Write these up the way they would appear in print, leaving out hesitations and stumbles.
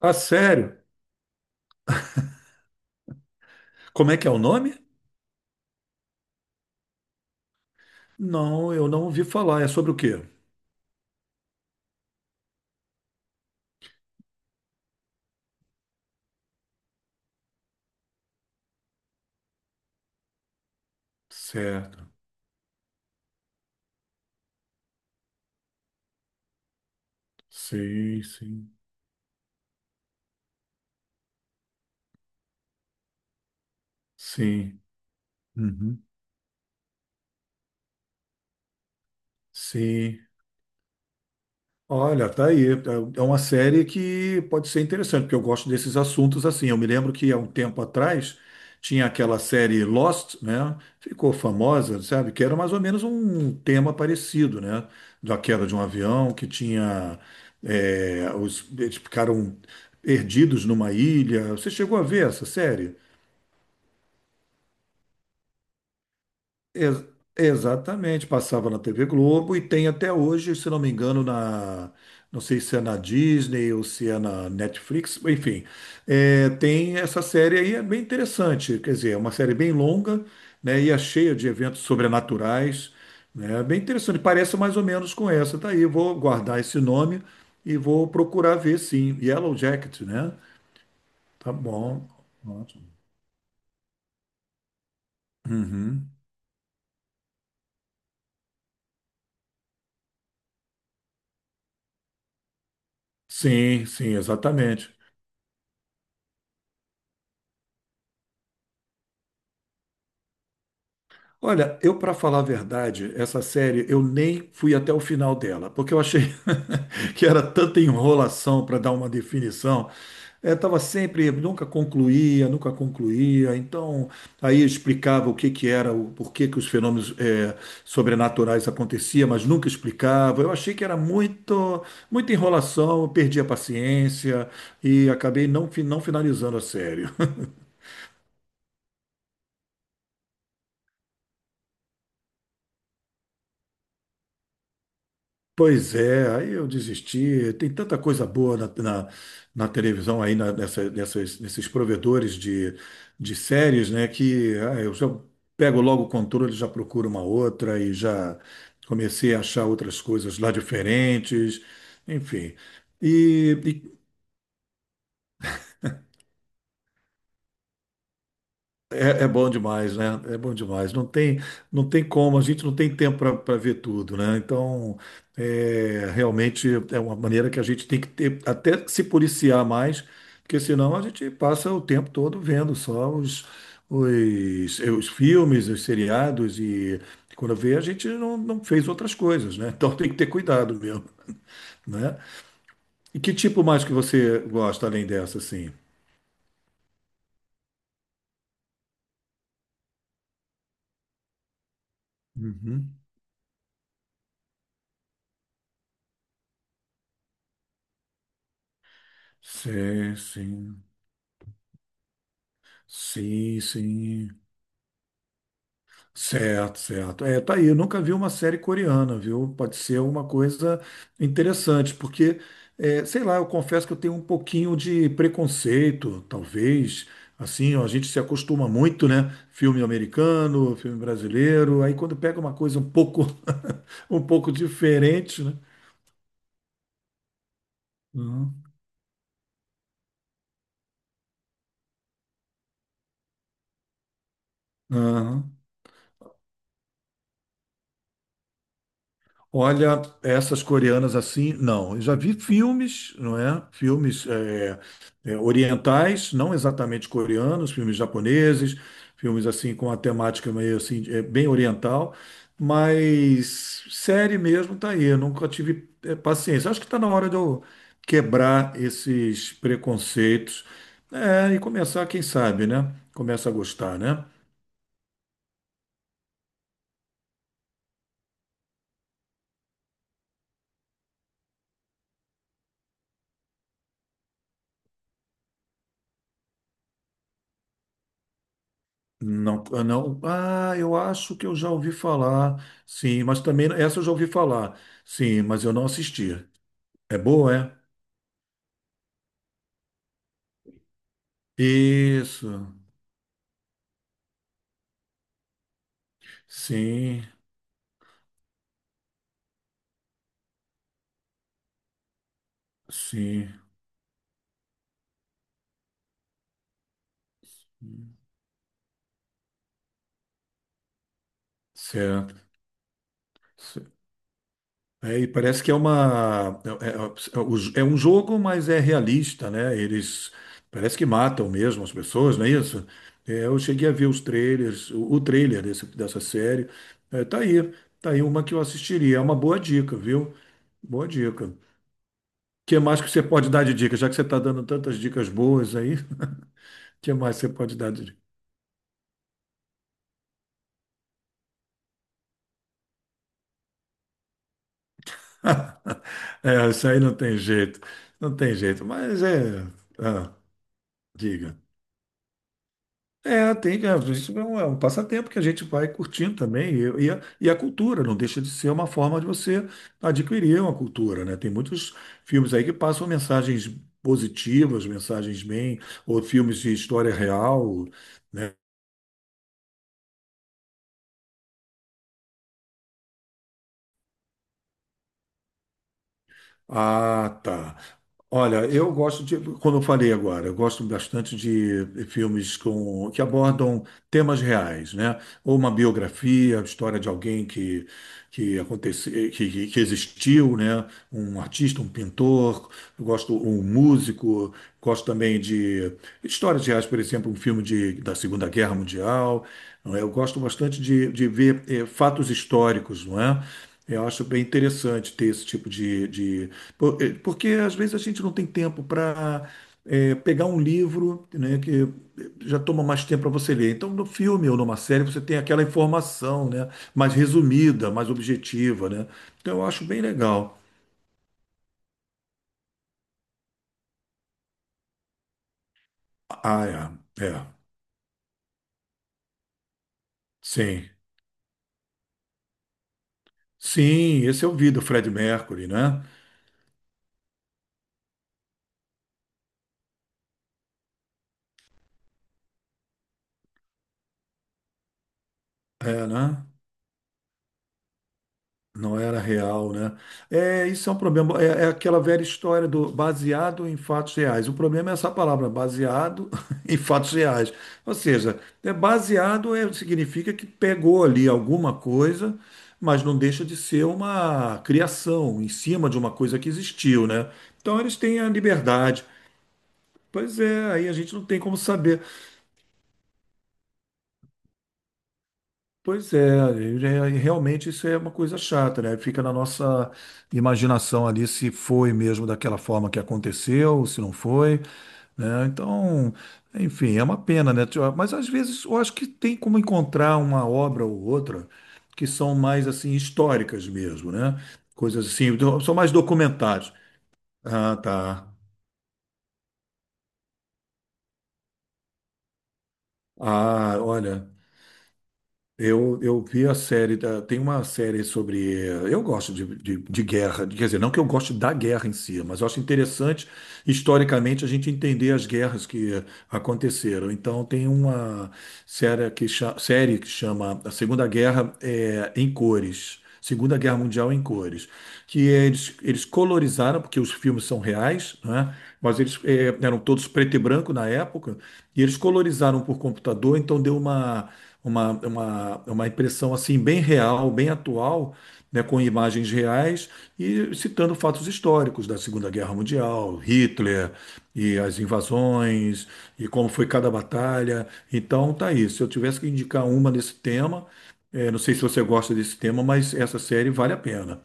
Ah, sério? Como é que é o nome? Não, eu não ouvi falar. É sobre o quê? Certo. Sim, sim. Sim. Uhum. Sim. Olha, tá aí. É uma série que pode ser interessante, porque eu gosto desses assuntos assim. Eu me lembro que há um tempo atrás tinha aquela série Lost, né? Ficou famosa, sabe? Que era mais ou menos um tema parecido, né? Da queda de um avião que tinha. Eles ficaram perdidos numa ilha. Você chegou a ver essa série? Ex- exatamente, passava na TV Globo e tem até hoje, se não me engano, não sei se é na Disney ou se é na Netflix, enfim, tem essa série aí, é bem interessante, quer dizer, é uma série bem longa, né, e é cheia de eventos sobrenaturais, né, é bem interessante, parece mais ou menos com essa, tá aí, eu vou guardar esse nome e vou procurar ver, sim, Yellow Jacket, né, tá bom, ótimo. Uhum. Sim, sim, exatamente. Olha, eu para falar a verdade, essa série eu nem fui até o final dela, porque eu achei que era tanta enrolação para dar uma definição. Eu tava sempre, nunca concluía, nunca concluía. Então, aí explicava o que que era, o porquê que os fenômenos sobrenaturais aconteciam, mas nunca explicava. Eu achei que era muito, muita enrolação, eu perdi a paciência e acabei não, não finalizando a série. Pois é, aí eu desisti. Tem tanta coisa boa na televisão aí, nesses provedores de séries, né? Que ah, eu já pego logo o controle, já procuro uma outra e já comecei a achar outras coisas lá diferentes, enfim. E, é, é bom demais, né? É bom demais. Não tem como, a gente não tem tempo para ver tudo, né? Então, é, realmente é uma maneira que a gente tem que ter, até se policiar mais, porque senão a gente passa o tempo todo vendo só os filmes, os seriados, e quando vê, a gente não, não fez outras coisas, né? Então tem que ter cuidado mesmo, né? E que tipo mais que você gosta além dessa, assim? Uhum. Sim, sim, sim, sim. Certo, certo. É, tá aí. Eu nunca vi uma série coreana, viu? Pode ser uma coisa interessante, porque, é, sei lá, eu confesso que eu tenho um pouquinho de preconceito, talvez. Assim, ó, a gente se acostuma muito, né? Filme americano, filme brasileiro. Aí quando pega uma coisa um pouco, um pouco diferente, né? Uhum. Aham. Olha, essas coreanas assim, não. Eu já vi filmes, não é? Filmes orientais, não exatamente coreanos, filmes japoneses, filmes assim com a temática meio assim, é, bem oriental, mas série mesmo tá aí. Eu nunca tive paciência. Acho que está na hora de eu quebrar esses preconceitos, é, e começar, quem sabe, né? Começa a gostar, né? Não, ah, não. Ah, eu acho que eu já ouvi falar. Sim, mas também essa eu já ouvi falar. Sim, mas eu não assisti. É boa, é? Isso. Sim, sim. Certo. Ce- É, e parece que é uma é, é- é é o- é um jogo, mas é realista, né? Eles parece que matam mesmo as pessoas, não é isso? É, eu cheguei a ver os trailers, o trailer dessa série. É, tá aí, tá aí uma que eu assistiria. É uma boa dica, viu? Boa dica. Que mais que você pode dar de dica? Já que você está dando tantas dicas boas aí, que mais você pode dar de dica? É, isso aí não tem jeito. Não tem jeito. Mas é. Ah, diga. Isso é um passatempo que a gente vai curtindo também. E a cultura não deixa de ser uma forma de você adquirir uma cultura, né? Tem muitos filmes aí que passam mensagens positivas, mensagens bem, ou filmes de história real, né? Ah, tá. Olha, como eu falei agora, eu gosto bastante de filmes que abordam temas reais, né? Ou uma biografia, a história de alguém que existiu, né? Um artista, um pintor, eu gosto um músico, gosto também de histórias reais, por exemplo, um filme da Segunda Guerra Mundial. Não é? Eu gosto bastante de ver fatos históricos, não é? Eu acho bem interessante ter esse tipo de... porque às vezes a gente não tem tempo para pegar um livro, né, que já toma mais tempo para você ler. Então, no filme ou numa série, você tem aquela informação, né? Mais resumida, mais objetiva, né? Então eu acho bem legal. Ah, é, é, sim. Sim, esse é o vídeo, Fred Mercury, né? É, né? Não era real, né? É, isso é um problema. É, é aquela velha história do baseado em fatos reais. O problema é essa palavra, baseado em fatos reais. Ou seja, é baseado, significa que pegou ali alguma coisa, mas não deixa de ser uma criação em cima de uma coisa que existiu, né? Então eles têm a liberdade. Pois é, aí a gente não tem como saber. Pois é, é, realmente isso é uma coisa chata, né? Fica na nossa imaginação ali se foi mesmo daquela forma que aconteceu, se não foi, né? Então, enfim, é uma pena, né? Tio? Mas às vezes eu acho que tem como encontrar uma obra ou outra que são mais assim históricas mesmo, né? Coisas assim, são mais documentários. Ah, tá. Ah, olha. Eu vi a série, tem uma série sobre. Eu gosto de guerra, quer dizer, não que eu goste da guerra em si, mas eu acho interessante historicamente a gente entender as guerras que aconteceram. Então, tem uma série que chama A Segunda Guerra em Cores. Segunda Guerra Mundial em Cores que eles colorizaram, porque os filmes são reais, né? Mas eles eram todos preto e branco na época, e eles colorizaram por computador, então deu uma impressão assim bem real, bem atual, né? Com imagens reais e citando fatos históricos da Segunda Guerra Mundial, Hitler e as invasões e como foi cada batalha. Então tá aí. Se eu tivesse que indicar uma nesse tema, não sei se você gosta desse tema, mas essa série vale a pena.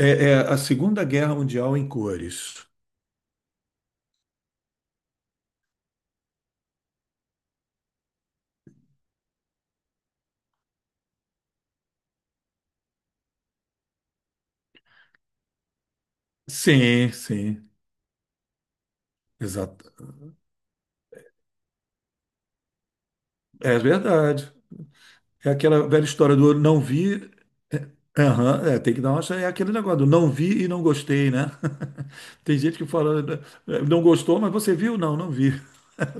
É, é a Segunda Guerra Mundial em cores. Sim, sim, exato. É verdade. É aquela velha história do não vi. Aham, é, tem que dar uma chance. É aquele negócio do não vi e não gostei, né? Tem gente que fala, né, não gostou, mas você viu? Não, não vi.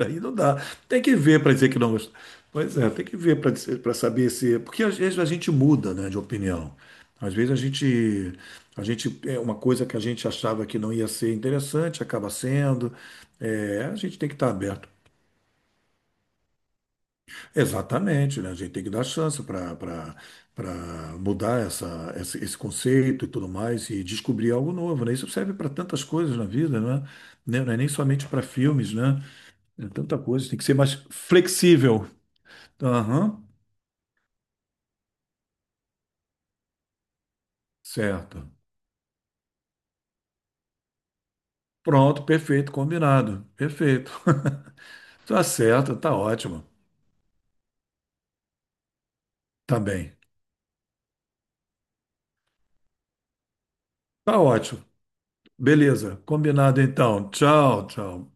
Aí não dá. Tem que ver para dizer que não gostou. Pois é, tem que ver para dizer- para saber se. Porque às vezes a gente muda, né, de opinião. Às vezes a gente é uma coisa que a gente achava que não ia ser interessante, acaba sendo. É, a gente tem que estar aberto. Exatamente, né? A gente tem que dar chance para mudar esse conceito e tudo mais e descobrir algo novo, né? Isso serve para tantas coisas na vida, né? Né? Não é nem somente para filmes, né? É tanta coisa, tem que ser mais flexível. Aham, certo. Pronto, perfeito, combinado. Perfeito. Tá certo, tá ótimo. Tá bem. Tá ótimo. Beleza, combinado então. Tchau, tchau.